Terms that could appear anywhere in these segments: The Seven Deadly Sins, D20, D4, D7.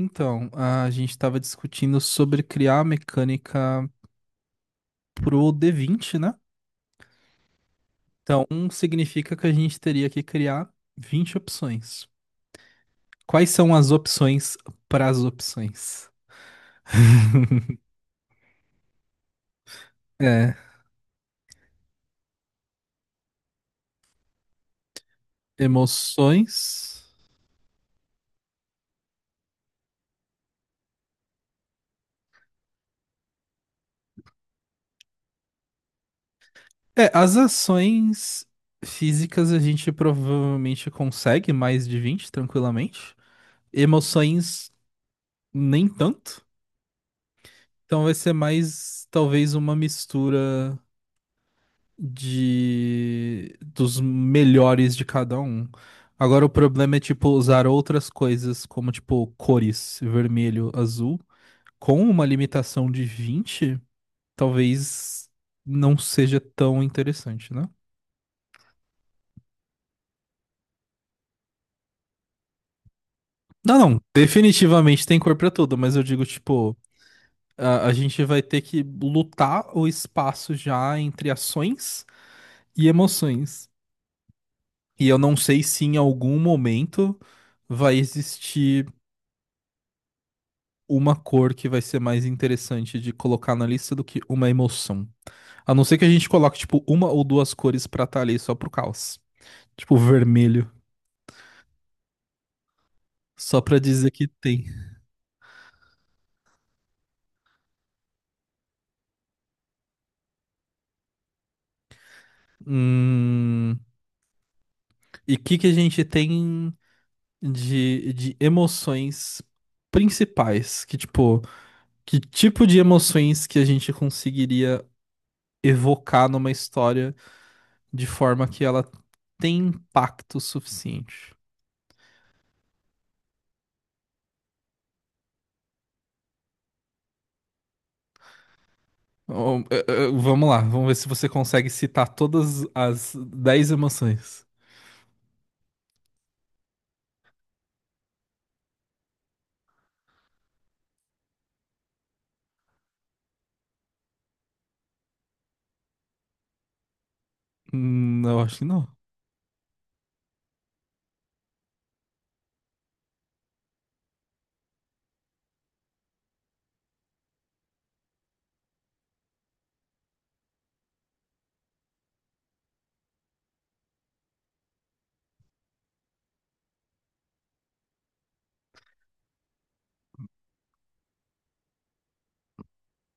Então, a gente estava discutindo sobre criar a mecânica pro D20, né? Então, um significa que a gente teria que criar 20 opções. Quais são as opções para as opções? É, emoções. É, as ações físicas a gente provavelmente consegue mais de 20 tranquilamente. Emoções, nem tanto. Então vai ser mais talvez uma mistura de dos melhores de cada um. Agora o problema é tipo usar outras coisas como tipo cores, vermelho, azul, com uma limitação de 20 talvez não seja tão interessante, né? Não, não, definitivamente tem cor pra tudo, mas eu digo tipo a gente vai ter que lutar o espaço já entre ações e emoções. E eu não sei se em algum momento vai existir uma cor que vai ser mais interessante de colocar na lista do que uma emoção. A não ser que a gente coloque, tipo, uma ou duas cores pra estar ali só pro caos. Tipo, vermelho. Só pra dizer que tem. Hum, E o que que a gente tem de emoções principais? Que tipo de emoções que a gente conseguiria evocar numa história de forma que ela tem impacto suficiente? Oh, vamos lá, vamos ver se você consegue citar todas as 10 emoções. Eu acho que não.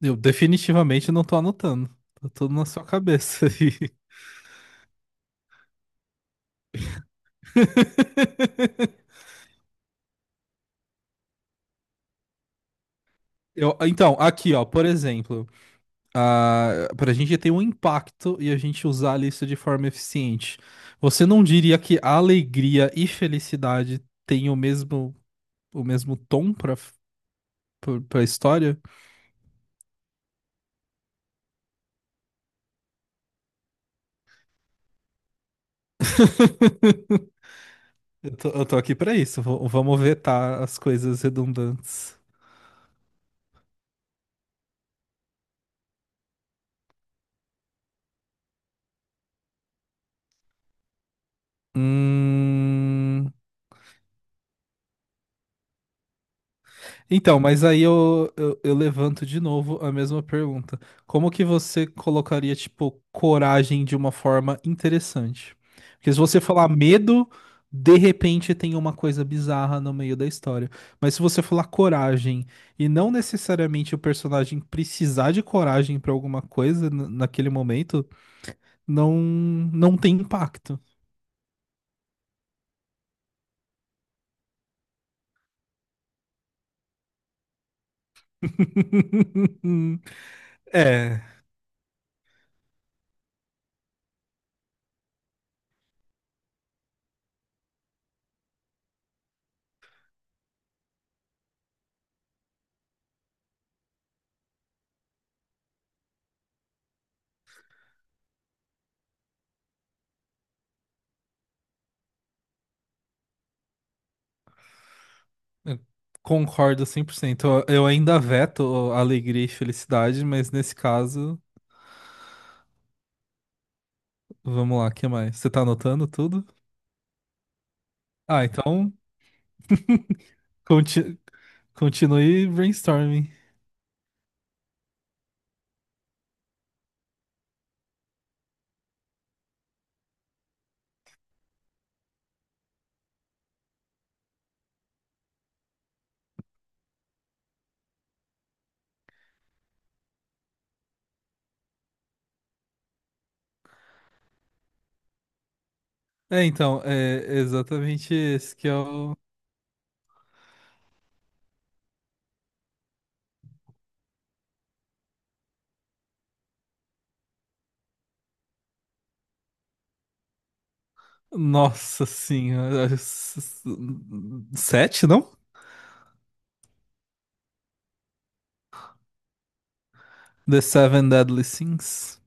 Eu definitivamente não tô anotando. Tá tudo na sua cabeça aí. Então, aqui, ó, por exemplo, pra gente ter um impacto e a gente usar a lista de forma eficiente, você não diria que alegria e felicidade têm o mesmo tom pra história? Eu tô aqui pra isso. Vamos vetar as coisas redundantes. Hum... Então, mas aí eu levanto de novo a mesma pergunta. Como que você colocaria, tipo, coragem de uma forma interessante? Porque se você falar medo, de repente tem uma coisa bizarra no meio da história. Mas se você falar coragem e não necessariamente o personagem precisar de coragem pra alguma coisa naquele momento, não, não tem impacto. É, eu concordo 100%. Eu ainda veto alegria e felicidade, mas nesse caso, vamos lá, o que mais? Você tá anotando tudo? Ah, então conti- continue brainstorming. É, então, é exatamente esse que é o. Nossa senhora. Sete, não? The Seven Deadly Sins.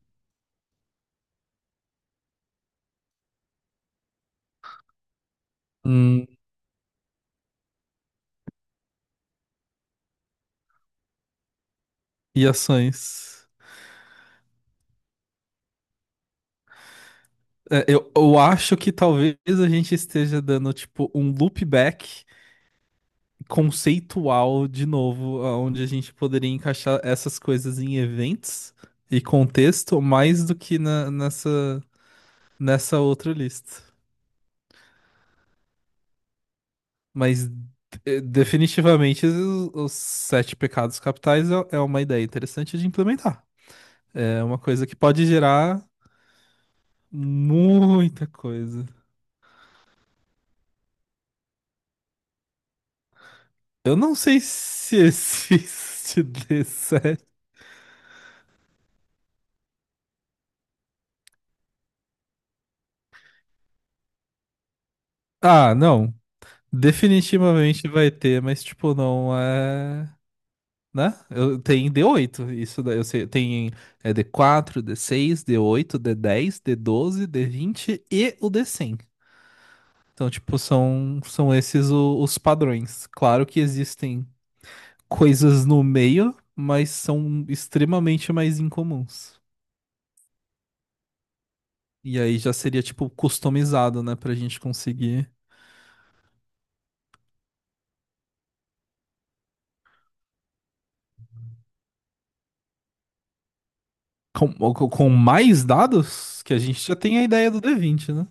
Hum, e ações. É, eu acho que talvez a gente esteja dando, tipo, um loopback conceitual de novo, onde a gente poderia encaixar essas coisas em eventos e contexto mais do que nessa, nessa outra lista. Mas definitivamente os sete pecados capitais é uma ideia interessante de implementar. É uma coisa que pode gerar muita coisa. Eu não sei se existe D7. Ah, não. Definitivamente vai ter, mas tipo, não é. Né? Eu, tem d oito, isso daí eu sei. Tem é, d quatro, d seis, d oito, d dez, d doze, d vinte e o d cem. Então, tipo, são esses os padrões. Claro que existem coisas no meio, mas são extremamente mais incomuns. E aí já seria, tipo, customizado, né? Pra gente conseguir. Com mais dados, que a gente já tem a ideia do d vinte, né?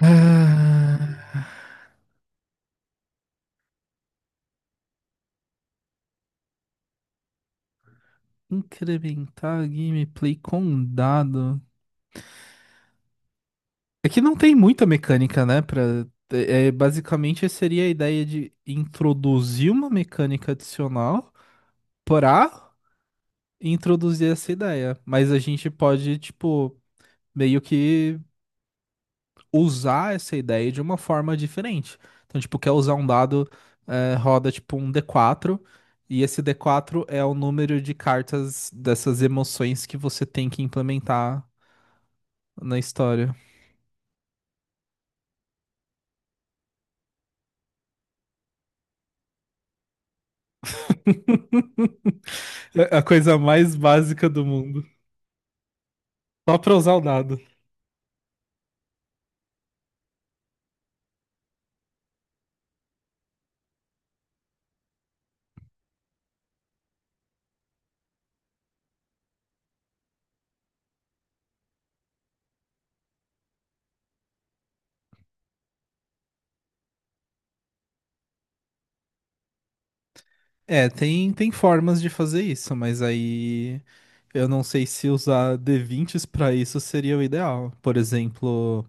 Ah, incrementar a gameplay com um dado. É que não tem muita mecânica, né? Pra... basicamente, seria a ideia de introduzir uma mecânica adicional para introduzir essa ideia. Mas a gente pode, tipo, meio que usar essa ideia de uma forma diferente. Então, tipo, quer usar um dado, é, roda tipo um d quatro. E esse d quatro é o número de cartas dessas emoções que você tem que implementar na história. É a coisa mais básica do mundo. Só pra usar o dado. É, tem, tem formas de fazer isso, mas aí eu não sei se usar d vinte s pra isso seria o ideal. Por exemplo,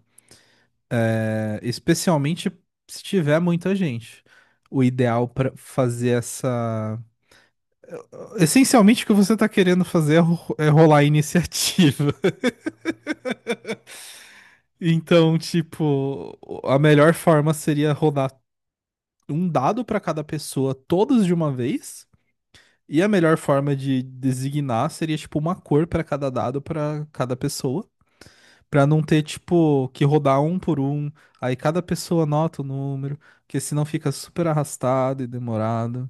é, especialmente se tiver muita gente. O ideal pra fazer essa. Essencialmente, o que você tá querendo fazer é é rolar a iniciativa. Então, tipo, a melhor forma seria rodar um dado pra cada pessoa, todos de uma vez. E a melhor forma de designar seria tipo uma cor pra cada dado pra cada pessoa, pra não ter tipo que rodar um por um, aí cada pessoa anota o número, porque senão fica super arrastado e demorado.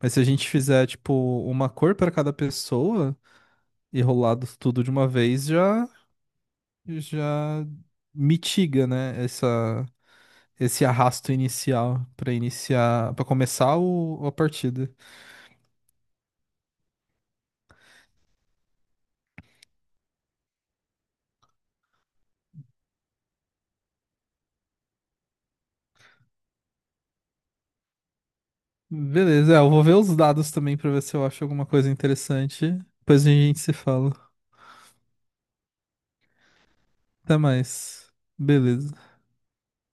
Mas se a gente fizer tipo uma cor pra cada pessoa e rolar tudo de uma vez, já já mitiga, né, essa esse arrasto inicial pra iniciar, pra começar a partida. Beleza, é, eu vou ver os dados também pra ver se eu acho alguma coisa interessante. Depois a gente se fala. Até mais. Beleza.